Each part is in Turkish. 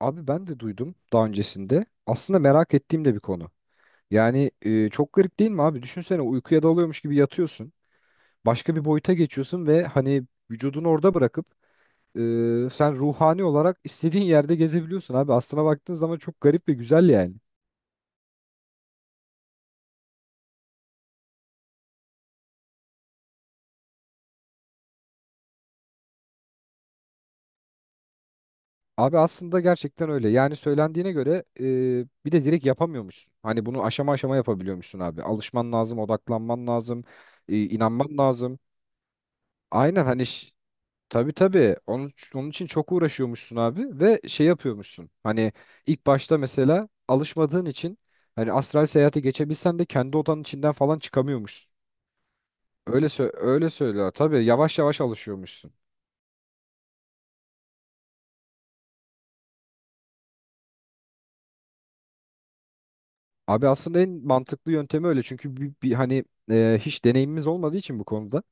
Abi ben de duydum daha öncesinde. Aslında merak ettiğim de bir konu. Yani çok garip değil mi abi? Düşünsene uykuya dalıyormuş gibi yatıyorsun. Başka bir boyuta geçiyorsun ve hani vücudunu orada bırakıp e, sen ruhani olarak istediğin yerde gezebiliyorsun abi. Aslına baktığın zaman çok garip ve güzel yani. Abi aslında gerçekten öyle. Yani söylendiğine göre bir de direkt yapamıyormuşsun. Hani bunu aşama aşama yapabiliyormuşsun abi. Alışman lazım, odaklanman lazım, inanman lazım. Aynen hani. Tabii tabii. Onun için çok uğraşıyormuşsun abi ve şey yapıyormuşsun. Hani ilk başta mesela alışmadığın için hani astral seyahate geçebilsen de kendi odanın içinden falan çıkamıyormuşsun. Öyle söylüyor. Tabii yavaş yavaş alışıyormuşsun. Abi aslında en mantıklı yöntemi öyle. Çünkü bir hani hiç deneyimimiz olmadığı için bu konuda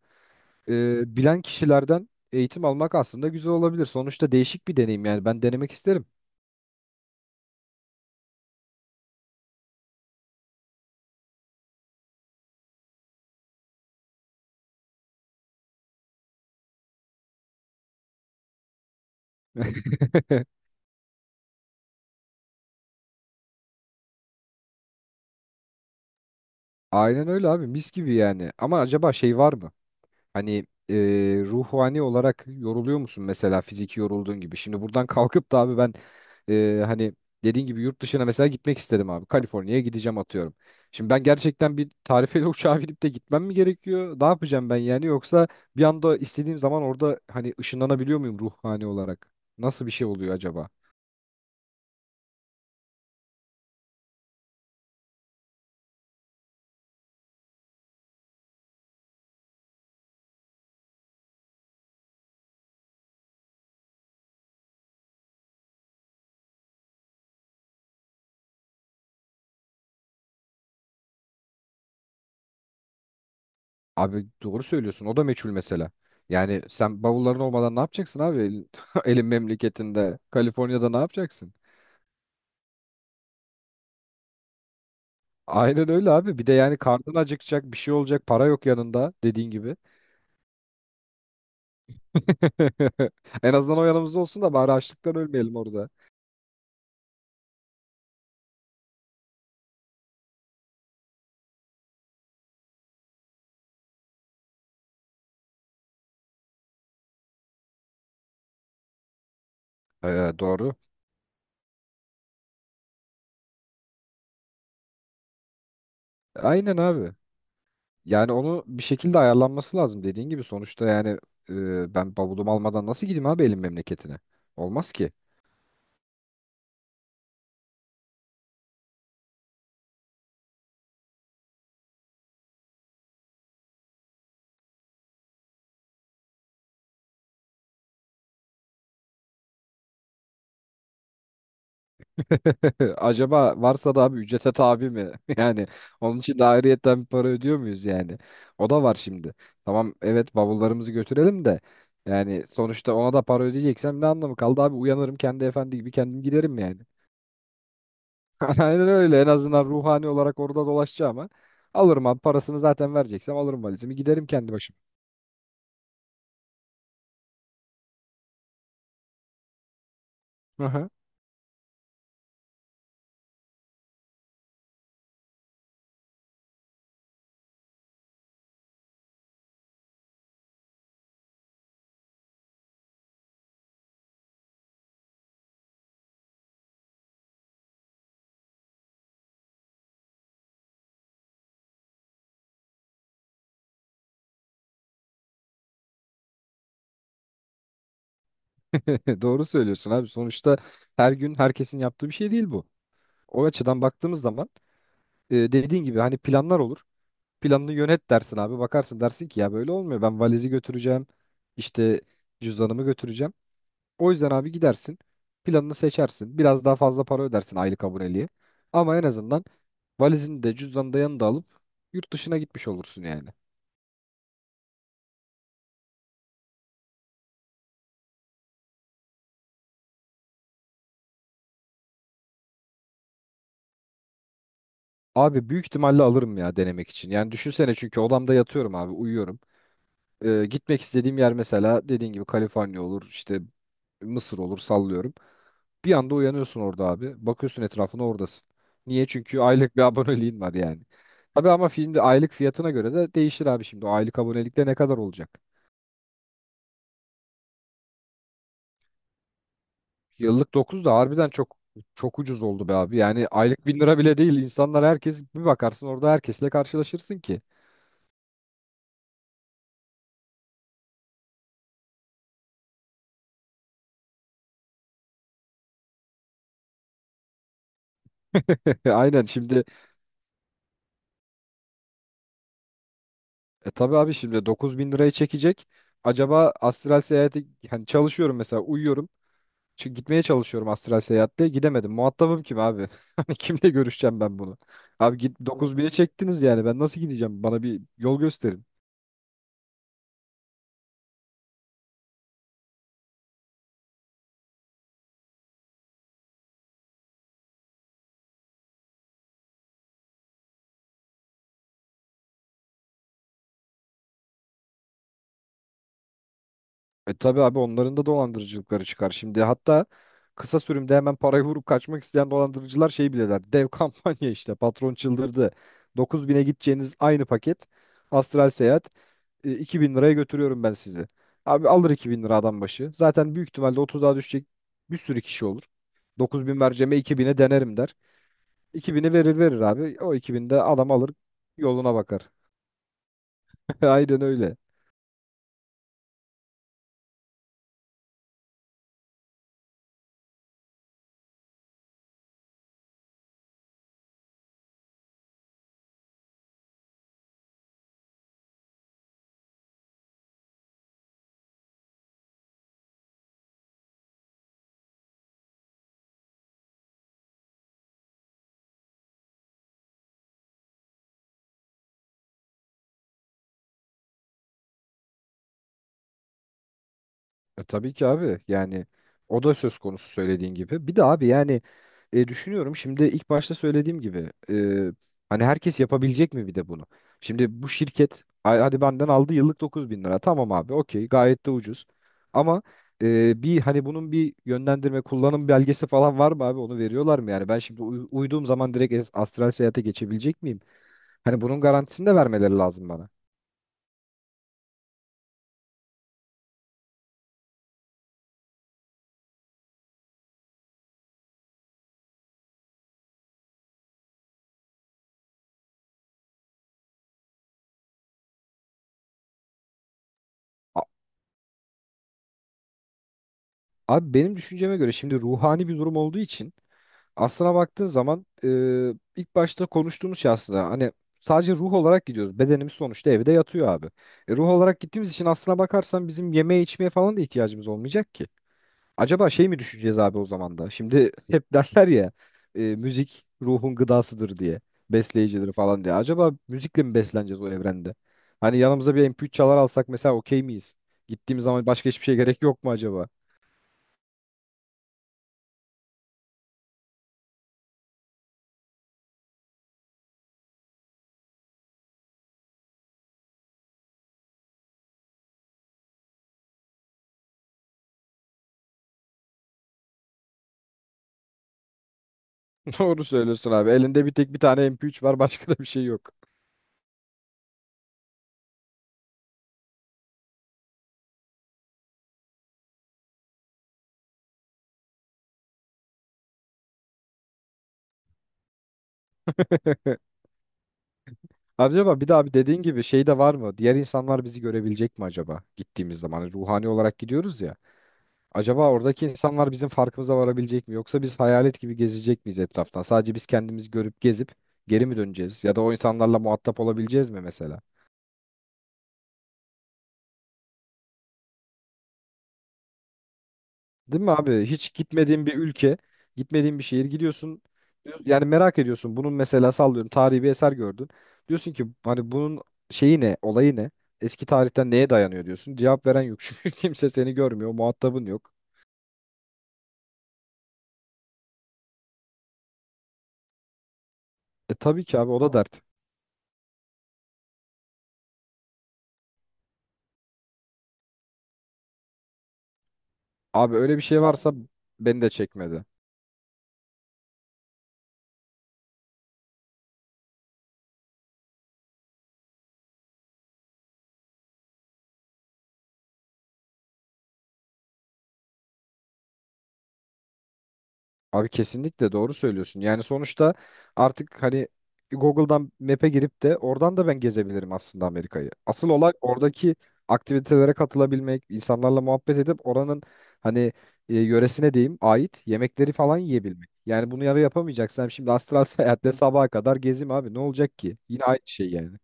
bilen kişilerden eğitim almak aslında güzel olabilir. Sonuçta değişik bir deneyim, yani ben denemek isterim. Aynen öyle abi, mis gibi yani. Ama acaba şey var mı? Hani ruhani olarak yoruluyor musun mesela fiziki yorulduğun gibi? Şimdi buradan kalkıp da abi ben hani dediğin gibi yurt dışına mesela gitmek istedim abi. Kaliforniya'ya gideceğim, atıyorum. Şimdi ben gerçekten bir tarifeli uçağa binip de gitmem mi gerekiyor? Ne yapacağım ben yani? Yoksa bir anda istediğim zaman orada hani ışınlanabiliyor muyum ruhani olarak? Nasıl bir şey oluyor acaba? Abi doğru söylüyorsun. O da meçhul mesela. Yani sen bavulların olmadan ne yapacaksın abi? Elin memleketinde, Kaliforniya'da ne yapacaksın? Aynen öyle abi. Bir de yani karnın acıkacak, bir şey olacak, para yok yanında, dediğin gibi. En azından o yanımızda olsun da bari açlıktan ölmeyelim orada. Doğru. Aynen abi. Yani onu bir şekilde ayarlanması lazım, dediğin gibi. Sonuçta yani ben bavulumu almadan nasıl gideyim abi elim memleketine? Olmaz ki. Acaba varsa da abi ücrete tabi mi? Yani onun için de ayrıyetten bir para ödüyor muyuz yani? O da var şimdi. Tamam, evet, bavullarımızı götürelim de yani sonuçta ona da para ödeyeceksem ne anlamı kaldı abi? Uyanırım, kendi efendi gibi kendim giderim yani. Aynen öyle. En azından ruhani olarak orada dolaşacağıma alırım abi parasını, zaten vereceksem alırım valizimi giderim kendi başıma. Aha. Doğru söylüyorsun abi. Sonuçta her gün herkesin yaptığı bir şey değil bu. O açıdan baktığımız zaman dediğin gibi hani planlar olur. Planını yönet dersin abi. Bakarsın, dersin ki ya böyle olmuyor. Ben valizi götüreceğim. İşte cüzdanımı götüreceğim. O yüzden abi gidersin. Planını seçersin. Biraz daha fazla para ödersin aylık aboneliğe. Ama en azından valizini de cüzdanı da yanında alıp yurt dışına gitmiş olursun yani. Abi büyük ihtimalle alırım ya, denemek için. Yani düşünsene, çünkü odamda yatıyorum abi, uyuyorum. Gitmek istediğim yer mesela dediğin gibi Kaliforniya olur, işte Mısır olur, sallıyorum. Bir anda uyanıyorsun orada abi. Bakıyorsun etrafına, oradasın. Niye? Çünkü aylık bir aboneliğin var yani. Tabii ama filmde aylık fiyatına göre de değişir abi şimdi. O aylık abonelikte ne kadar olacak? Yıllık 9 da harbiden çok ucuz oldu be abi. Yani aylık 1000 lira bile değil. İnsanlar, herkes, bir bakarsın orada herkesle karşılaşırsın ki. Aynen şimdi tabii abi, şimdi 9000 lirayı çekecek. Acaba astral seyahati hani çalışıyorum mesela, uyuyorum. Çünkü gitmeye çalışıyorum astral seyahatte. Gidemedim. Muhatabım kim abi? Hani kimle görüşeceğim ben bunu? Abi git, 9000'e çektiniz yani. Ben nasıl gideceğim? Bana bir yol gösterin. E tabii abi, onların da dolandırıcılıkları çıkar. Şimdi hatta kısa sürümde hemen parayı vurup kaçmak isteyen dolandırıcılar şey bilirler. Dev kampanya işte. Patron çıldırdı. 9000'e gideceğiniz aynı paket. Astral seyahat. E, 2000 liraya götürüyorum ben sizi. Abi alır, 2000 lira adam başı. Zaten büyük ihtimalle 30 daha düşecek, bir sürü kişi olur. 9000 vereceğime 2000'e denerim der. 2000'i verir verir abi. O 2000'de adam alır yoluna bakar. Aynen öyle. E, tabii ki abi yani o da söz konusu, söylediğin gibi. Bir de abi yani düşünüyorum şimdi ilk başta söylediğim gibi hani herkes yapabilecek mi bir de bunu? Şimdi bu şirket hadi benden aldı yıllık 9000 lira, tamam abi, okey, gayet de ucuz. Ama bir hani bunun bir yönlendirme kullanım belgesi falan var mı abi, onu veriyorlar mı yani? Ben şimdi uyuduğum zaman direkt astral seyahate geçebilecek miyim? Hani bunun garantisini de vermeleri lazım bana. A- Abi benim düşünceme göre şimdi ruhani bir durum olduğu için, aslına baktığın zaman ilk başta konuştuğumuz şey aslında hani sadece ruh olarak gidiyoruz. Bedenimiz sonuçta evde yatıyor abi. E, ruh olarak gittiğimiz için aslına bakarsan bizim yemeğe içmeye falan da ihtiyacımız olmayacak ki. Acaba şey mi düşeceğiz abi o zaman da? Şimdi hep derler ya müzik ruhun gıdasıdır diye, besleyicidir falan diye. Acaba müzikle mi besleneceğiz o evrende? Hani yanımıza bir MP3 çalar alsak mesela okey miyiz? Gittiğimiz zaman başka hiçbir şey gerek yok mu acaba? Doğru söylüyorsun abi. Elinde bir tek bir tane MP3 var, başka da bir şey yok. Abi, acaba bir de abi dediğin gibi şey de var mı? Diğer insanlar bizi görebilecek mi acaba gittiğimiz zaman? Hani ruhani olarak gidiyoruz ya. Acaba oradaki insanlar bizim farkımıza varabilecek mi? Yoksa biz hayalet gibi gezecek miyiz etraftan? Sadece biz kendimizi görüp gezip geri mi döneceğiz? Ya da o insanlarla muhatap olabileceğiz mi mesela? Değil mi abi? Hiç gitmediğin bir ülke, gitmediğin bir şehir gidiyorsun. Yani merak ediyorsun. Bunun mesela, sallıyorum, tarihi bir eser gördün. Diyorsun ki hani bunun şeyi ne, olayı ne? Eski tarihten neye dayanıyor diyorsun. Cevap veren yok çünkü kimse seni görmüyor, muhatabın yok. E tabii ki abi, o da dert. Abi öyle bir şey varsa beni de çekmedi. Abi kesinlikle doğru söylüyorsun. Yani sonuçta artık hani Google'dan Map'e girip de oradan da ben gezebilirim aslında Amerika'yı. Asıl olay oradaki aktivitelere katılabilmek, insanlarla muhabbet edip oranın hani yöresine diyeyim ait yemekleri falan yiyebilmek. Yani bunu yarı yapamayacaksam şimdi astral seyahatle sabaha kadar gezeyim abi, ne olacak ki? Yine aynı şey yani.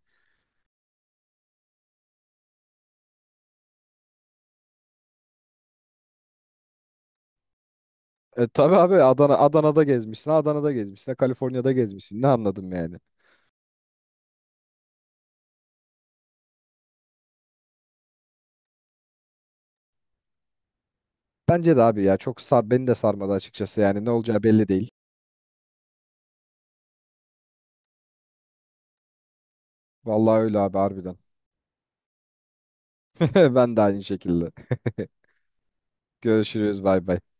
E, tabii abi, Adana Adana'da gezmişsin, Adana'da gezmişsin, Kaliforniya'da gezmişsin. Ne anladım yani? Bence de abi ya çok beni de sarmadı açıkçası yani, ne olacağı belli değil. Vallahi öyle abi, harbiden. Ben de aynı şekilde. Görüşürüz, bay bay.